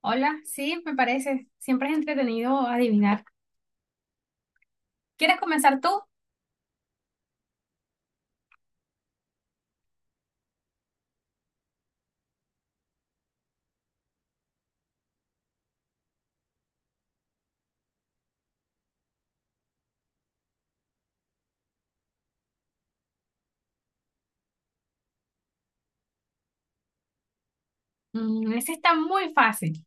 Hola, sí, me parece. Siempre es entretenido adivinar. ¿Quieres comenzar tú? Mm, ese está muy fácil.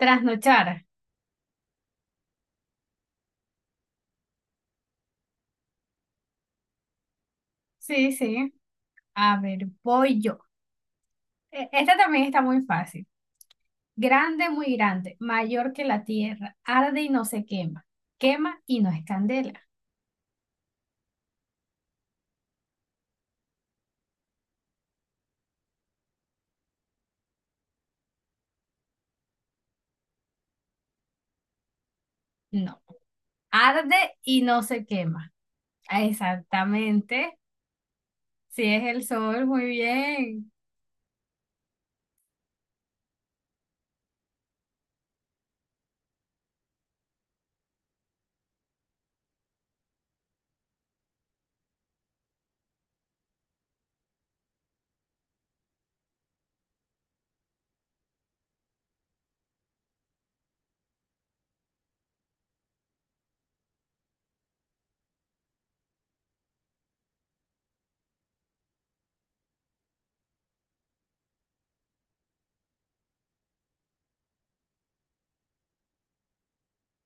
Trasnochar. Sí, sí. A ver, voy yo. Este también está muy fácil. Grande, muy grande, mayor que la tierra, arde y no se quema. Quema y no es candela. No, arde y no se quema. Exactamente. Sí, es el sol, muy bien.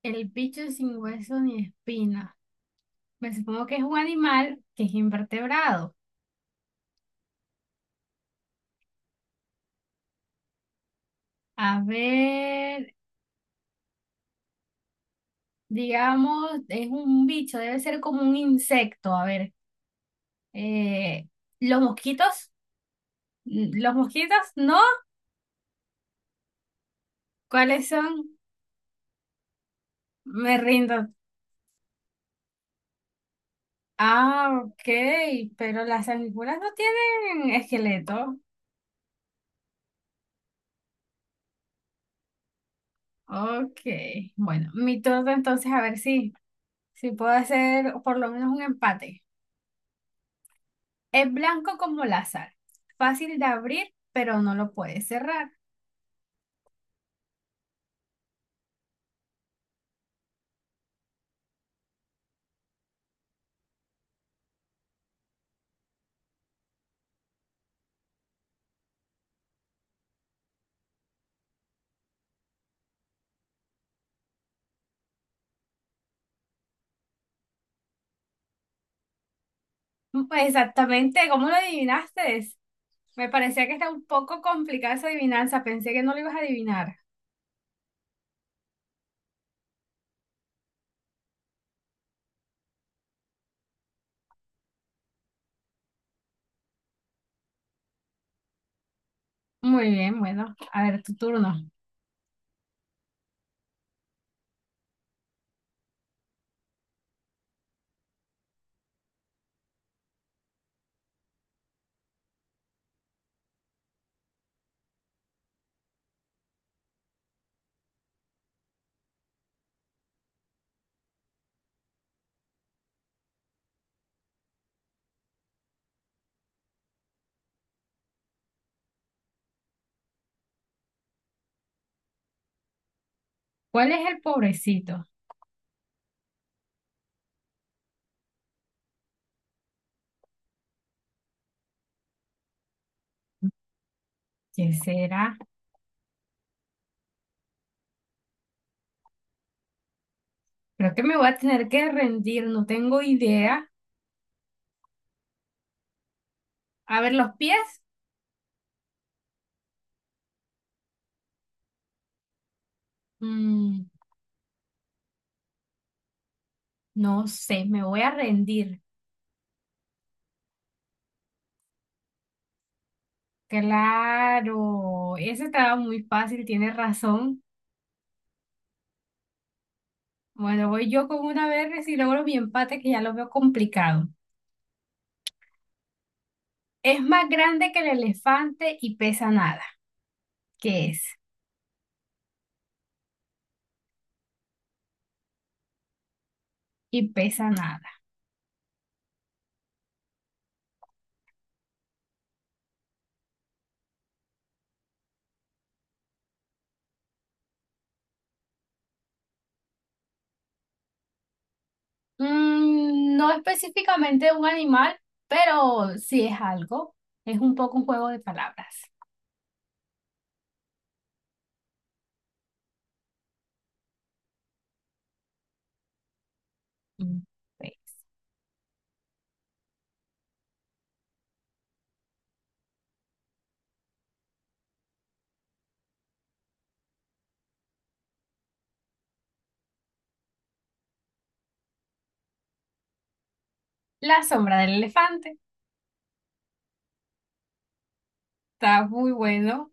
El bicho sin hueso ni espina. Me supongo que es un animal que es invertebrado. A ver, digamos, es un bicho, debe ser como un insecto. A ver, eh, ¿los mosquitos? ¿Los mosquitos? ¿No? ¿Cuáles son? Me rindo. Ah, ok, pero las sanguijuelas no tienen esqueleto. Ok, bueno, mi turno entonces a ver si puedo hacer por lo menos un empate. Es blanco como la sal, fácil de abrir, pero no lo puedes cerrar. Pues exactamente, ¿cómo lo adivinaste? Me parecía que está un poco complicada esa adivinanza, pensé que no lo ibas a adivinar. Muy bien, bueno, a ver, tu turno. ¿Cuál es el pobrecito? ¿Quién será? Creo que me voy a tener que rendir, no tengo idea. A ver, los pies. Mm, no sé, me voy a rendir. Claro, ese estaba muy fácil, tienes razón. Bueno, voy yo con una vez y logro mi empate que ya lo veo complicado. Es más grande que el elefante y pesa nada. ¿Qué es? Y pesa nada. Mm, no específicamente un animal, pero sí es algo. Es un poco un juego de palabras. Mm, pues. La sombra del elefante. Está muy bueno.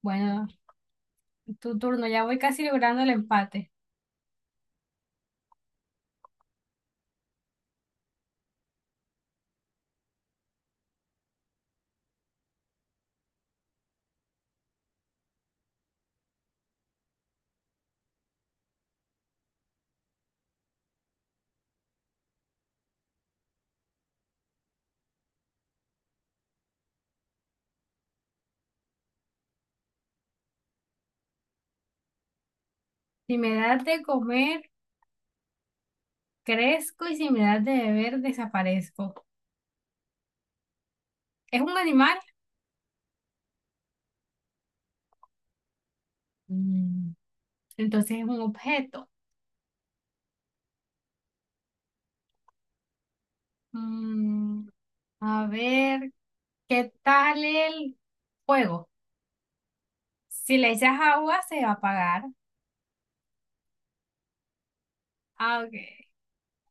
Bueno, tu turno. Ya voy casi logrando el empate. Si me das de comer, crezco y si me das de beber, desaparezco. ¿Es un animal? Mm, entonces es un objeto. Mm, a ver, ¿qué tal el fuego? Si le echas agua, se va a apagar. Ah, ok.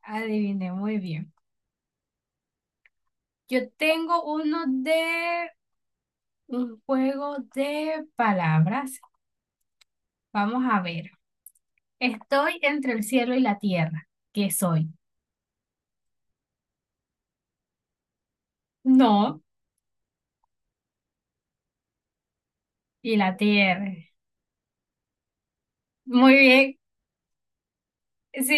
Adiviné muy bien. Yo tengo uno de un juego de palabras. Vamos a ver. Estoy entre el cielo y la tierra. ¿Qué soy? No, y la tierra. Muy bien. Sí,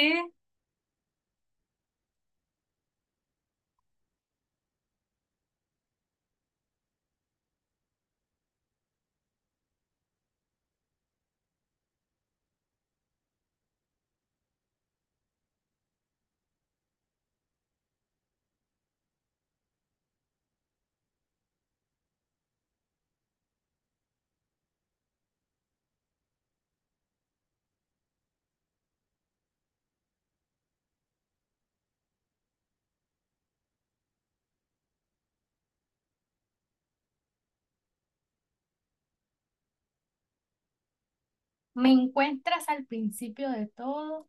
me encuentras al principio de todo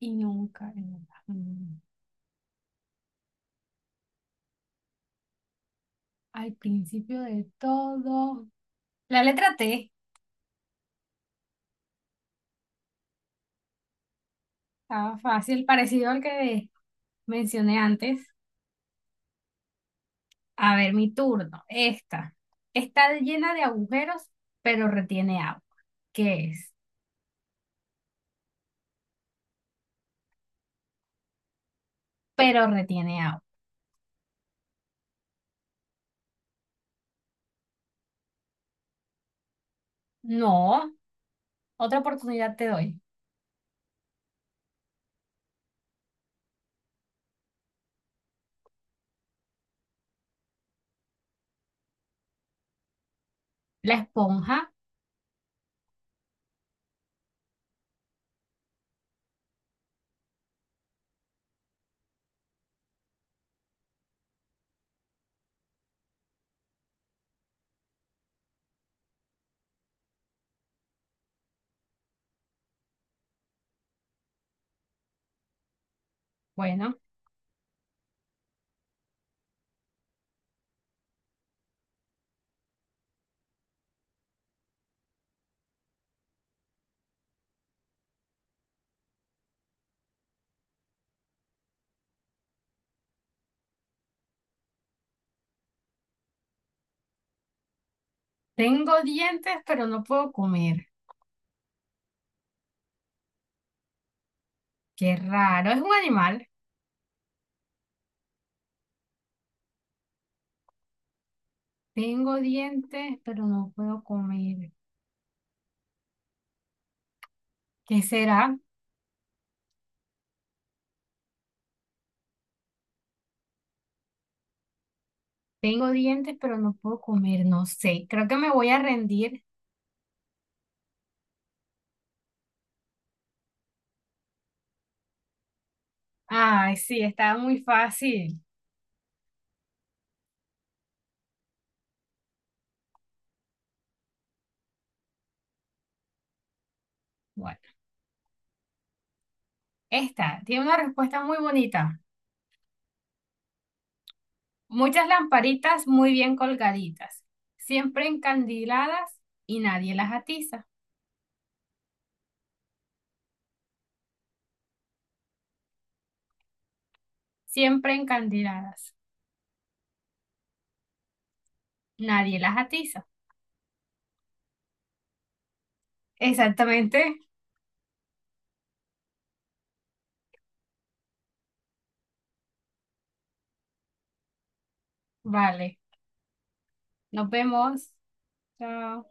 y nunca, nunca, nunca. Al principio de todo. La letra T. Estaba fácil, parecido al que mencioné antes. A ver, mi turno. Esta. Está llena de agujeros, pero retiene agua. ¿Qué es? Pero retiene agua. No, otra oportunidad te doy. La esponja. Bueno, tengo dientes, pero no puedo comer. Qué raro, es un animal. Tengo dientes, pero no puedo comer. ¿Qué será? Tengo dientes, pero no puedo comer. No sé, creo que me voy a rendir. Ay, sí, estaba muy fácil. Bueno, esta tiene una respuesta muy bonita. Muchas lamparitas muy bien colgaditas, siempre encandiladas y nadie las atiza. Siempre encandiladas, nadie las atiza. Exactamente. Vale, nos vemos. Chao.